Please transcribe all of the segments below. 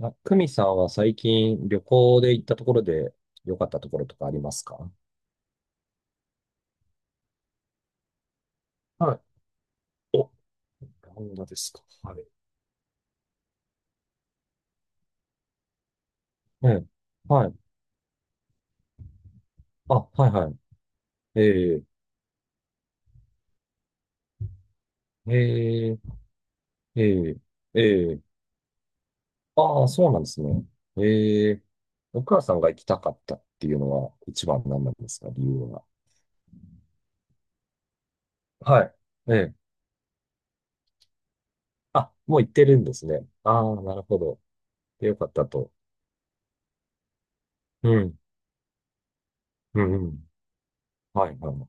あ、久美さんは最近旅行で行ったところで良かったところとかありますか？はい。お、漫画ですか。はい。ええ。はい。あ、はいはい。ええ、ええ、ええ、ええ。ああ、そうなんですね。ええ。お母さんが行きたかったっていうのは一番何なんですか、理由は。はい。ええ。あ、もう行ってるんですね。ああ、なるほど。で、よかったと。うん。うん、うん。はい、はい。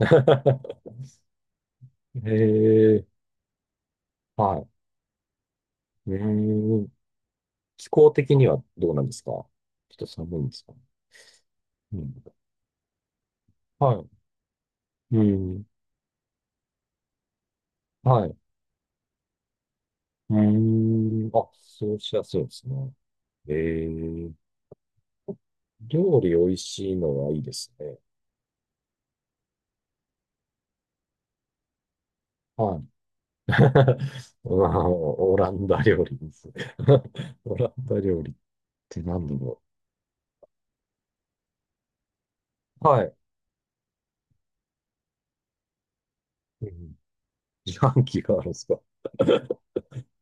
ええ、はい。うーん。気候的にはどうなんですか、ちょっと寒いんですか？うん。はい。うん。はい。うーん。あ、そう、しやすいですね。えー、料理美味しいのはいいですね。はい。うわ、オランダ料理です。オランダ料理って何だろう。はい。うん、自販機があるんですか？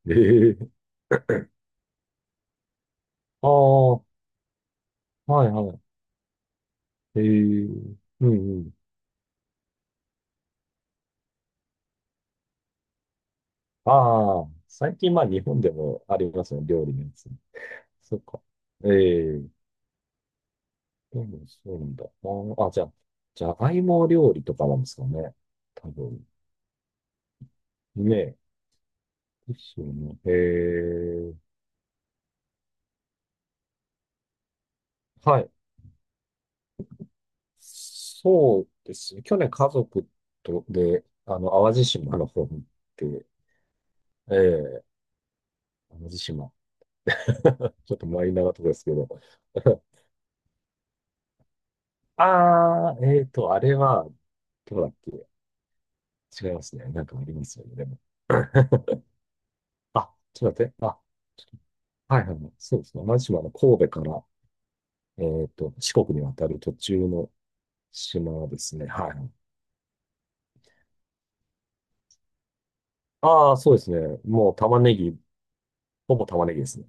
えー、ああ、はいはい。うんうん。ああ、最近まあ日本でもありますね、料理のやつ。そっか。ええ、でもそうなんだ。まあ、あ、じゃあ、じゃがいも料理とかなんですかね、多分。ねえ。ですよね。ええ、はい。そうですね。去年家族とで、淡路島の方に行って、ええ、淡路島。ちょっとマイナーなとこですけど。ああ、えっと、あれは、どうだっけ。違いますね。なんかありますよね、でも。あ、ちょっと待って。あ、はいはいはい。そうですね。同じ島の神戸から、えっと、四国に渡る途中の島ですね。はい。ああ、そうですね。もう玉ねぎ、ほぼ玉ねぎですね。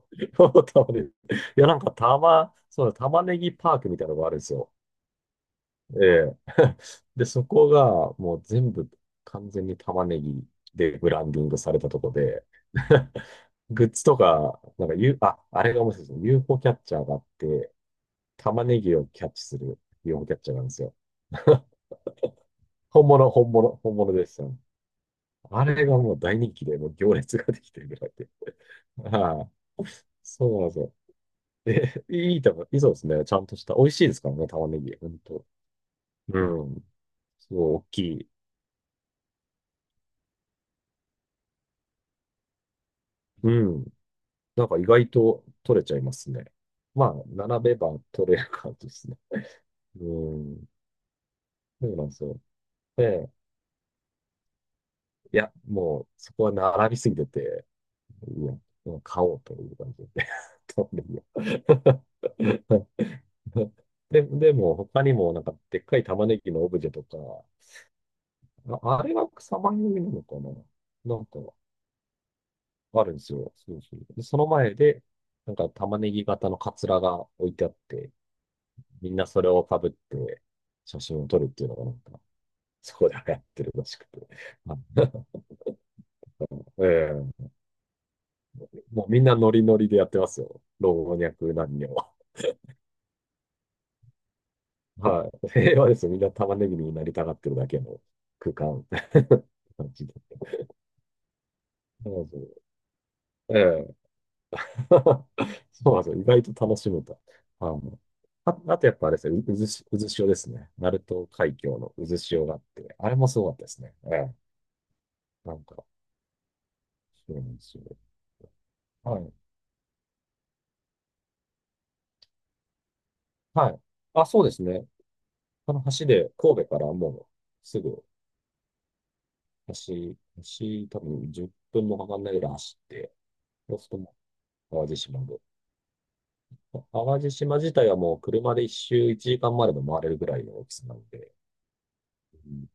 ほぼ玉ねぎ。いや、なんか玉、そうだ、玉ねぎパークみたいなのがあるんですよ。ええ。 で、そこがもう全部完全に玉ねぎでブランディングされたとこで、グッズとか、なんか U、あ、あれが面白いですね。UFO キャッチャーがあって、玉ねぎをキャッチする UFO キャッチャーなんですよ。本物、本物、本物です。あれがもう大人気で、もう行列ができてるぐらいで。はい。そうなんですよ。え、いい玉、いい、そうですね。ちゃんとした。美味しいですからね、玉ねぎ。ほんと。うん。すごい大きい。うん。なんか意外と取れちゃいますね。まあ、並べば取れる感じですね。うん。そうなんですよ。ええ、いや、もう、そこは並びすぎてて、うん。もう買おうという感じで。取んでみよう。 で、でも、他にも、なんか、でっかい玉ねぎのオブジェとか、あ、あれは草番組なのかな、なんか、あるんですよ。そうそう。で、その前で、なんか、玉ねぎ型のカツラが置いてあって、みんなそれをかぶって、写真を撮るっていうのが、なんか、そこで流行ってるらしくて。ええ、もうみんなノリノリでやってますよ、老若男女は。はい。平和ですよ。みんな玉ねぎになりたがってるだけの空間。感じで。そうそう。ええ。 そうなんですよ。意外と楽しめた。あの、あ、あとやっぱあれですね、う、うずし、渦潮ですね。鳴門海峡の渦潮があって、あれもすごかったですね。ええ、なんか、そうなんですよ。はい。はい。あ、そうですね。この橋で、神戸からもうすぐ、橋、橋多分10分もかかんないぐらい走って、そうするともう淡路島で。淡路島自体はもう車で一周1時間までも回れるぐらいの大きさなので、うん、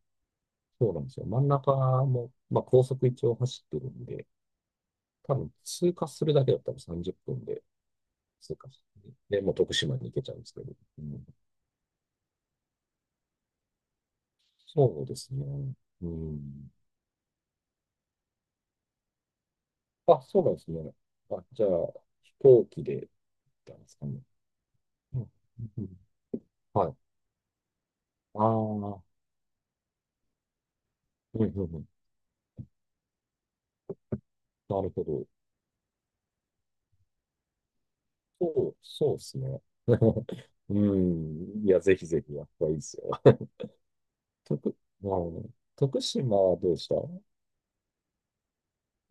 そうなんですよ。真ん中も、まあ、高速一応走ってるんで、多分通過するだけだったら30分で通過して、で、もう徳島に行けちゃうんですけど。うん、そうですね。うん。あ、そうなんですね。あ、じゃあ、飛行機で行ったんですかね。うん。うん、はい。ああ、うん、うん、うん。なるほど。そう、そうですね。うん。いや、ぜひぜひ、やっぱいいですよ。うん、徳島はどうでした？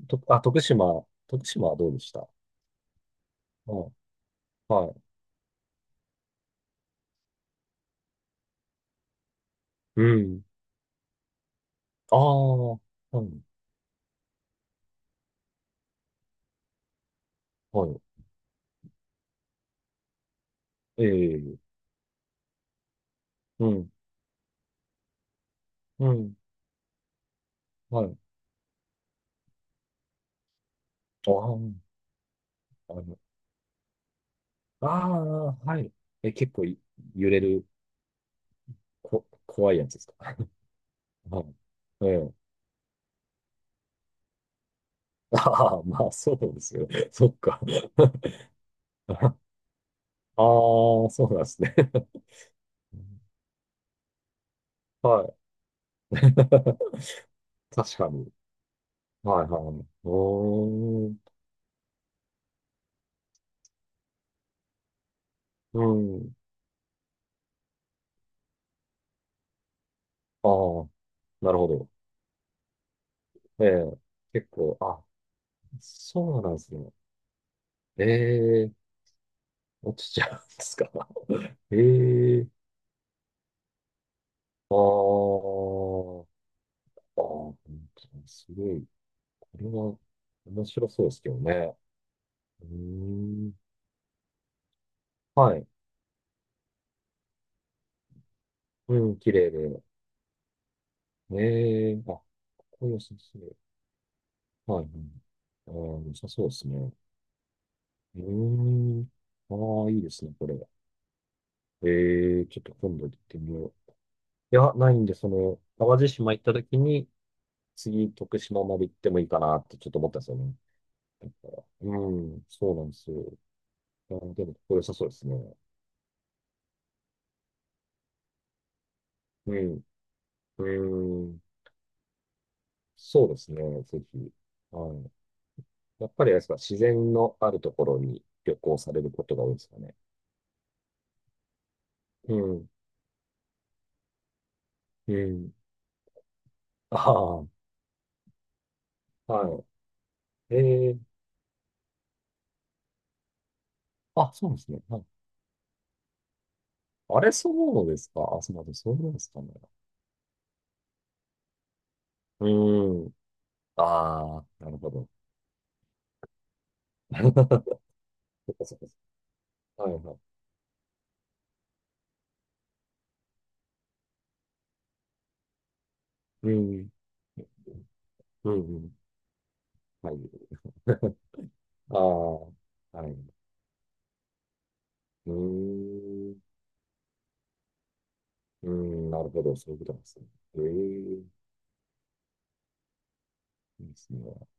と、あ、徳島、徳島はどうでした？はい。はい。うん。ああ、はい。はい。ええ、うん。うん。はい。ああ、あの、ああ、はい。え、結構い、揺れる、こ、怖いやつですか。はい。ええ。ああ、まあ、そうですよね。そっか。ああ、そうなんですね。はい。確かに。はい、はい。おー、うん。ああ、なるほど。ええ、結構、あ、そうなんですね。ええ、落ちちゃうんですか。ええ、あー、あー、本当にすごい。これは面白そうですけどね。うーん、はい。うん、綺麗で。ええ、あ、ここ良さそう。はい。うん、あー、良さそうですね。うーん、ああ、いいですね、これ。ええ、ちょっと今度行ってみよう。いや、ないんで、その、淡路島行った時に、次、徳島まで行ってもいいかなってちょっと思ったんですよね。うん、そうなんですよ。いやでも、これ良さそうですね。うん、うん、そうですね、ぜひ。はい。やっぱりあれですか、自然のあるところに旅行されることが多いですかね。うん、うん。ああ、はい。ええ、あ、そうなんですね。はい、あれ、そうですか。あ、そうなんです。そうなんですかね。うん。ああ、なるほど。そっか、そっか、そっか。はいはい。うん。うん、うん。はい。ああ、はい。うーん、うーん、なるほど、そういうことなんですね。ええ、いいですね。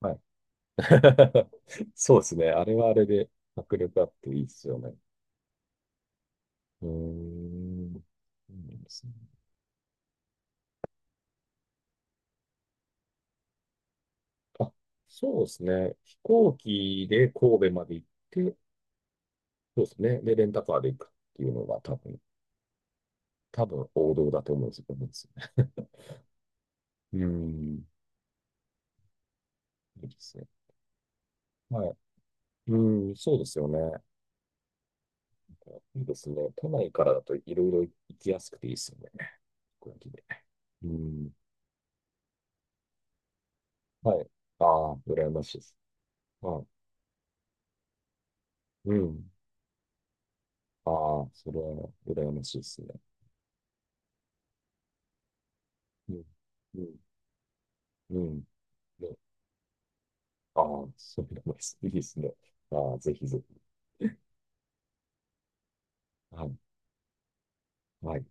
はい。そうですね。あれはあれで迫力あっていいですよね。うーん、そうなんですね。あ、そうですね。飛行機で神戸まで行って、そうですね。で、レンタカーで行くっていうのが多分、多分王道だと思うんですよね。うーん、いいですね。はい。うーん、そうですよね。いいですね。都内からだといろいろ行きやすくていいですよね。飛行機で、うん。はい。ああ、羨ましいです。はい。うん。ああ、それは羨ましいですね。うん。うん。うん。ね、ああ、そうなんです。いいですね。ああ、ぜひぜひ。はい。はい。